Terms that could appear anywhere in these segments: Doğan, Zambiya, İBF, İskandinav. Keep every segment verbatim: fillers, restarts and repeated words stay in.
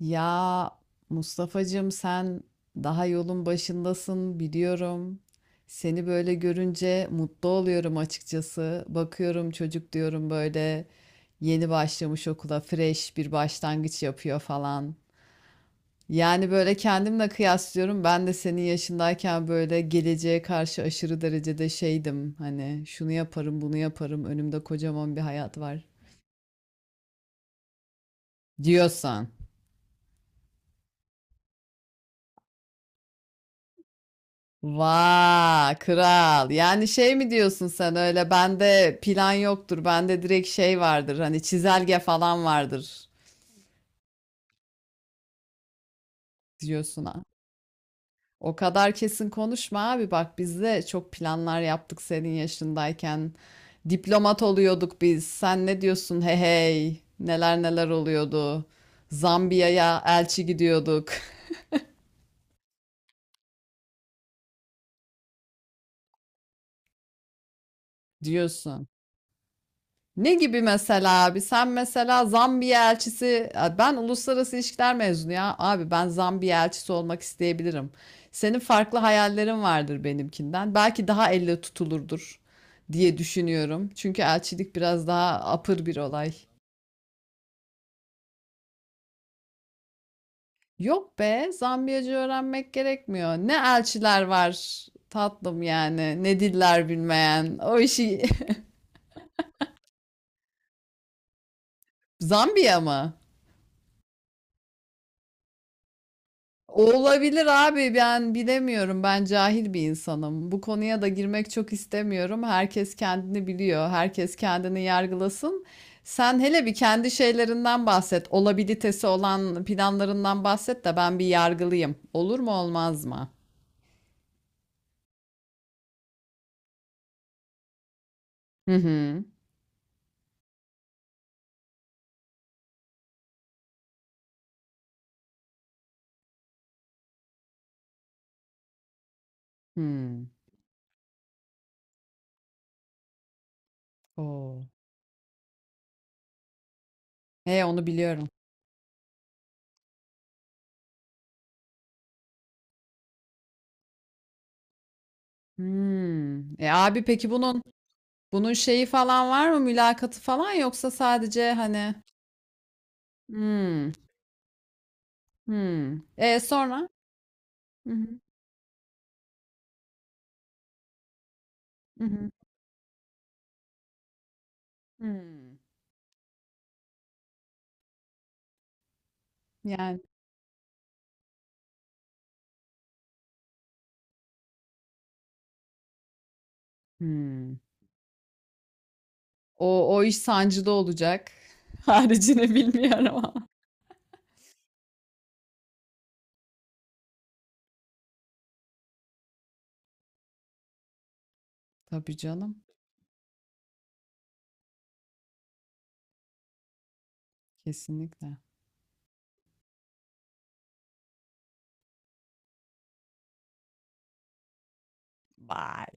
Ya Mustafa'cığım sen daha yolun başındasın biliyorum. Seni böyle görünce mutlu oluyorum açıkçası. Bakıyorum çocuk diyorum böyle yeni başlamış okula fresh bir başlangıç yapıyor falan. Yani böyle kendimle kıyaslıyorum. Ben de senin yaşındayken böyle geleceğe karşı aşırı derecede şeydim. Hani şunu yaparım, bunu yaparım. Önümde kocaman bir hayat var diyorsan. Vay kral. Yani şey mi diyorsun sen öyle bende plan yoktur. Bende direkt şey vardır. Hani çizelge falan vardır diyorsun ha. O kadar kesin konuşma abi. Bak biz de çok planlar yaptık senin yaşındayken. Diplomat oluyorduk biz. Sen ne diyorsun? Hey hey. Neler neler oluyordu. Zambiya'ya elçi gidiyorduk diyorsun. Ne gibi mesela abi? Sen mesela Zambiya elçisi, ben uluslararası ilişkiler mezunu ya. Abi ben Zambiya elçisi olmak isteyebilirim. Senin farklı hayallerin vardır benimkinden. Belki daha elle tutulurdur diye düşünüyorum. Çünkü elçilik biraz daha apır bir olay. Yok be, Zambiyacı öğrenmek gerekmiyor. Ne elçiler var tatlım yani, ne diller bilmeyen. O işi Zambiya mı? Olabilir abi ben bilemiyorum ben cahil bir insanım. Bu konuya da girmek çok istemiyorum. Herkes kendini biliyor. Herkes kendini yargılasın. Sen hele bir kendi şeylerinden bahset. Olabilitesi olan planlarından bahset de ben bir yargılıyım. Olur mu olmaz mı? Hı hı. Hmm. Oo. He onu biliyorum. Hmm. E abi peki bunun bunun şeyi falan var mı? Mülakatı falan yoksa sadece hani hmm. Hmm. E sonra? Hı hı. Hımm. Yani, hımm. O o iş sancıda olacak. Haricini bilmiyorum ama. Tabii canım, kesinlikle. Vay!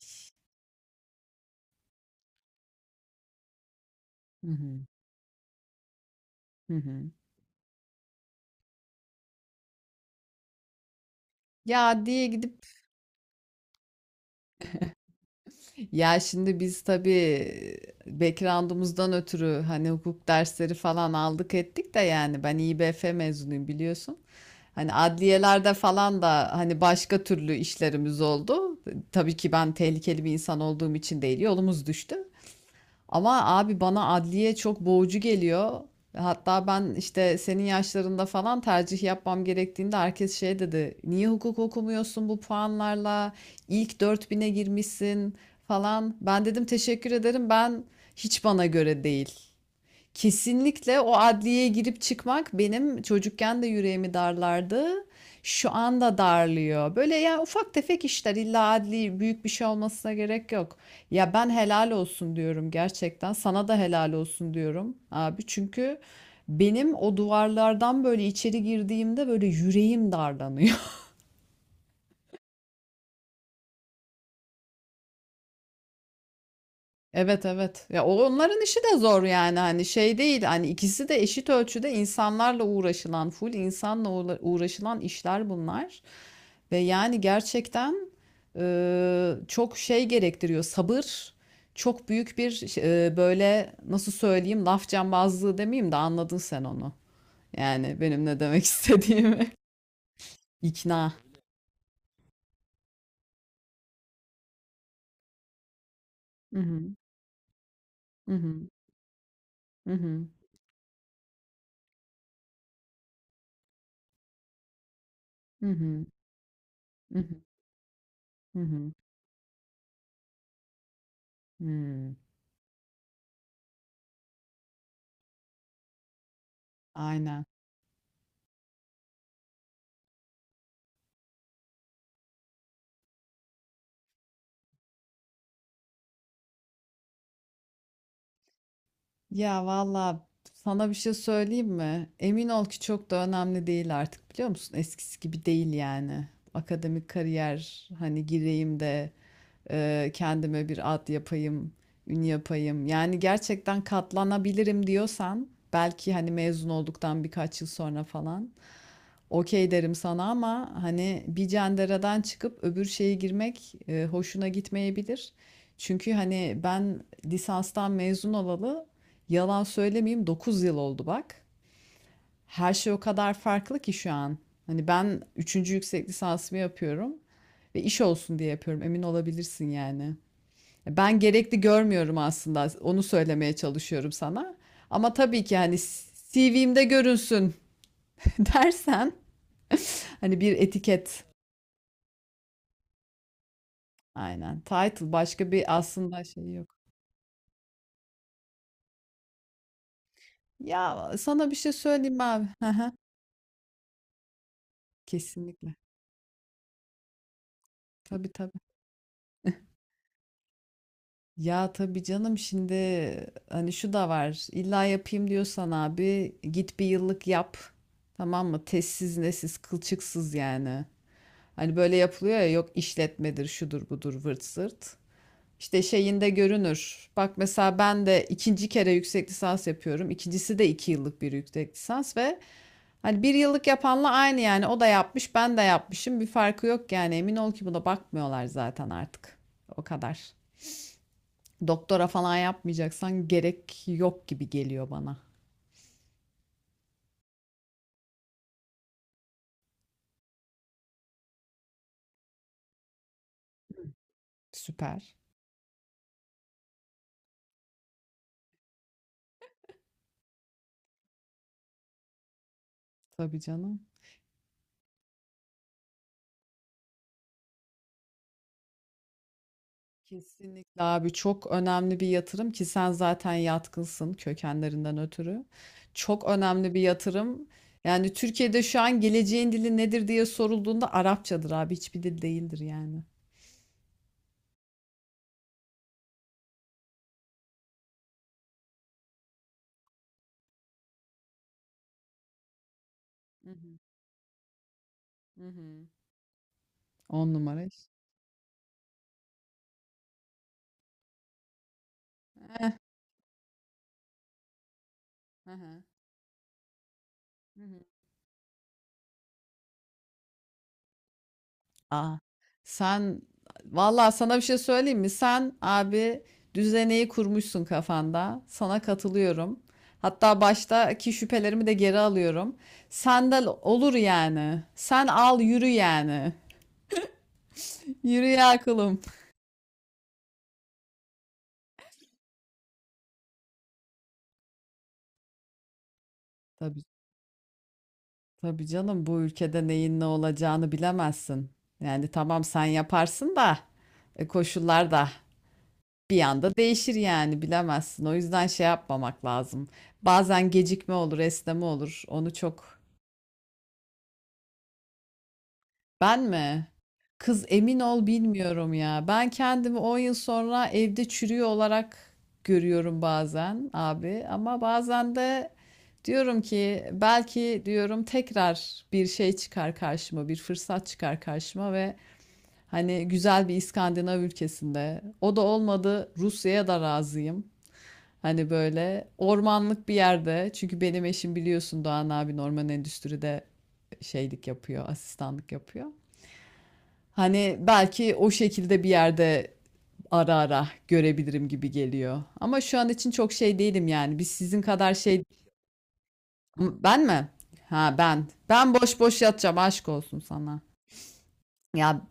Hı hı. Hı hı. Ya, diye gidip ya, şimdi biz tabii background'umuzdan ötürü, hani, hukuk dersleri falan aldık ettik de yani ben İBF mezunuyum biliyorsun. Hani, adliyelerde falan da, hani, başka türlü işlerimiz oldu. Tabii ki ben tehlikeli bir insan olduğum için değil, yolumuz düştü. Ama abi bana adliye çok boğucu geliyor. Hatta ben işte senin yaşlarında falan tercih yapmam gerektiğinde herkes şey dedi. Niye hukuk okumuyorsun bu puanlarla? İlk dört bin'e girmişsin falan. Ben dedim teşekkür ederim. Ben hiç bana göre değil. Kesinlikle o adliyeye girip çıkmak benim çocukken de yüreğimi darlardı. Şu anda darlıyor. Böyle ya ufak tefek işler illa adli büyük bir şey olmasına gerek yok. Ya ben helal olsun diyorum gerçekten. Sana da helal olsun diyorum abi. Çünkü benim o duvarlardan böyle içeri girdiğimde böyle yüreğim darlanıyor. Evet evet. Ya o- onların işi de zor yani hani şey değil hani ikisi de eşit ölçüde insanlarla uğraşılan full insanla uğra- uğraşılan işler bunlar. Ve yani gerçekten e, çok şey gerektiriyor sabır çok büyük bir şey- e, böyle nasıl söyleyeyim laf cambazlığı demeyeyim de anladın sen onu. Yani benim ne demek istediğimi. İkna. Hı hı, hı hı, hı hı, hı hı, hı hı, hı hı. Hmm. Aynen. Ya valla sana bir şey söyleyeyim mi? Emin ol ki çok da önemli değil artık biliyor musun? Eskisi gibi değil yani. Akademik kariyer hani gireyim de e, kendime bir ad yapayım, ün yapayım. Yani gerçekten katlanabilirim diyorsan belki hani mezun olduktan birkaç yıl sonra falan. Okey derim sana ama hani bir cenderadan çıkıp öbür şeye girmek e, hoşuna gitmeyebilir. Çünkü hani ben lisanstan mezun olalı yalan söylemeyeyim dokuz yıl oldu bak. Her şey o kadar farklı ki şu an. Hani ben üçüncü yüksek lisansımı yapıyorum ve iş olsun diye yapıyorum emin olabilirsin yani. Ben gerekli görmüyorum aslında onu söylemeye çalışıyorum sana. Ama tabii ki hani C V'mde görünsün dersen hani bir etiket. Aynen. Title başka bir aslında şey yok. Ya sana bir şey söyleyeyim mi abi. Hı hı. Kesinlikle. Tabii tabii. Ya tabii canım şimdi hani şu da var. İlla yapayım diyorsan abi git bir yıllık yap. Tamam mı? Tezsiz nesiz kılçıksız yani. Hani böyle yapılıyor ya yok işletmedir şudur budur vırt zırt. İşte şeyinde görünür. Bak mesela ben de ikinci kere yüksek lisans yapıyorum. İkincisi de iki yıllık bir yüksek lisans ve hani bir yıllık yapanla aynı yani o da yapmış ben de yapmışım bir farkı yok yani emin ol ki buna bakmıyorlar zaten artık o kadar. Doktora falan yapmayacaksan gerek yok gibi geliyor bana. Süper. Tabii canım. Kesinlikle abi çok önemli bir yatırım ki sen zaten yatkınsın kökenlerinden ötürü. Çok önemli bir yatırım. Yani Türkiye'de şu an geleceğin dili nedir diye sorulduğunda Arapçadır abi hiçbir dil değildir yani. Hı hı. Hı hı. on numara iş. Hı hı. Hı hı. Aa, sen vallahi sana bir şey söyleyeyim mi? Sen abi düzeneyi kurmuşsun kafanda. Sana katılıyorum. Hatta baştaki şüphelerimi de geri alıyorum. Sandal olur yani. Sen al yürü yani. Yürü ya kulum. Tabii canım bu ülkede neyin ne olacağını bilemezsin. Yani tamam sen yaparsın da e, koşullar da bir anda değişir yani bilemezsin. O yüzden şey yapmamak lazım. Bazen gecikme olur, esneme olur. Onu çok. Ben mi? Kız emin ol bilmiyorum ya. Ben kendimi on yıl sonra evde çürüyor olarak görüyorum bazen abi. Ama bazen de diyorum ki belki diyorum tekrar bir şey çıkar karşıma, bir fırsat çıkar karşıma ve hani güzel bir İskandinav ülkesinde. O da olmadı Rusya'ya da razıyım. Hani böyle ormanlık bir yerde. Çünkü benim eşim biliyorsun Doğan abi orman endüstride şeylik yapıyor, asistanlık yapıyor. Hani belki o şekilde bir yerde ara ara görebilirim gibi geliyor. Ama şu an için çok şey değilim yani. Biz sizin kadar şey... Ben mi? Ha ben. Ben boş boş yatacağım aşk olsun sana. Ya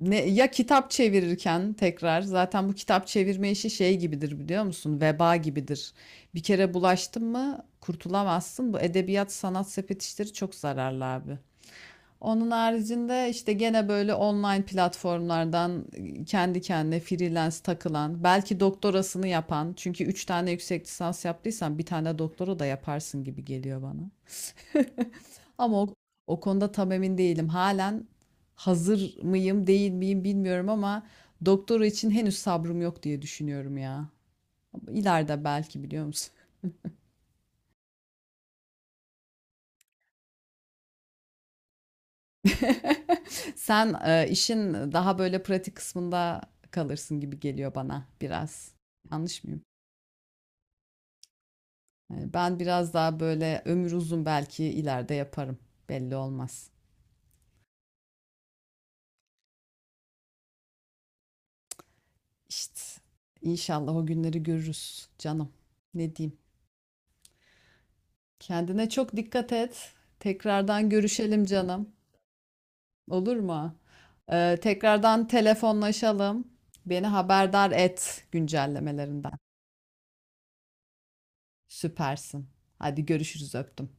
ne ya kitap çevirirken tekrar zaten bu kitap çevirme işi şey gibidir biliyor musun? Veba gibidir. Bir kere bulaştın mı kurtulamazsın. Bu edebiyat sanat sepet işleri çok zararlı abi. Onun haricinde işte gene böyle online platformlardan kendi kendine freelance takılan, belki doktorasını yapan. Çünkü üç tane yüksek lisans yaptıysan bir tane doktora da yaparsın gibi geliyor bana. Ama o, o konuda tam emin değilim. Halen hazır mıyım, değil miyim bilmiyorum ama doktora için henüz sabrım yok diye düşünüyorum ya. İleride belki biliyor musun? Sen e, işin daha böyle pratik kısmında kalırsın gibi geliyor bana biraz. Yanlış mıyım? Yani ben biraz daha böyle ömür uzun belki ileride yaparım. Belli olmaz. İşte inşallah o günleri görürüz canım. Ne diyeyim? Kendine çok dikkat et. Tekrardan görüşelim canım. Olur mu? Ee, tekrardan telefonlaşalım. Beni haberdar et güncellemelerinden. Süpersin. Hadi görüşürüz öptüm.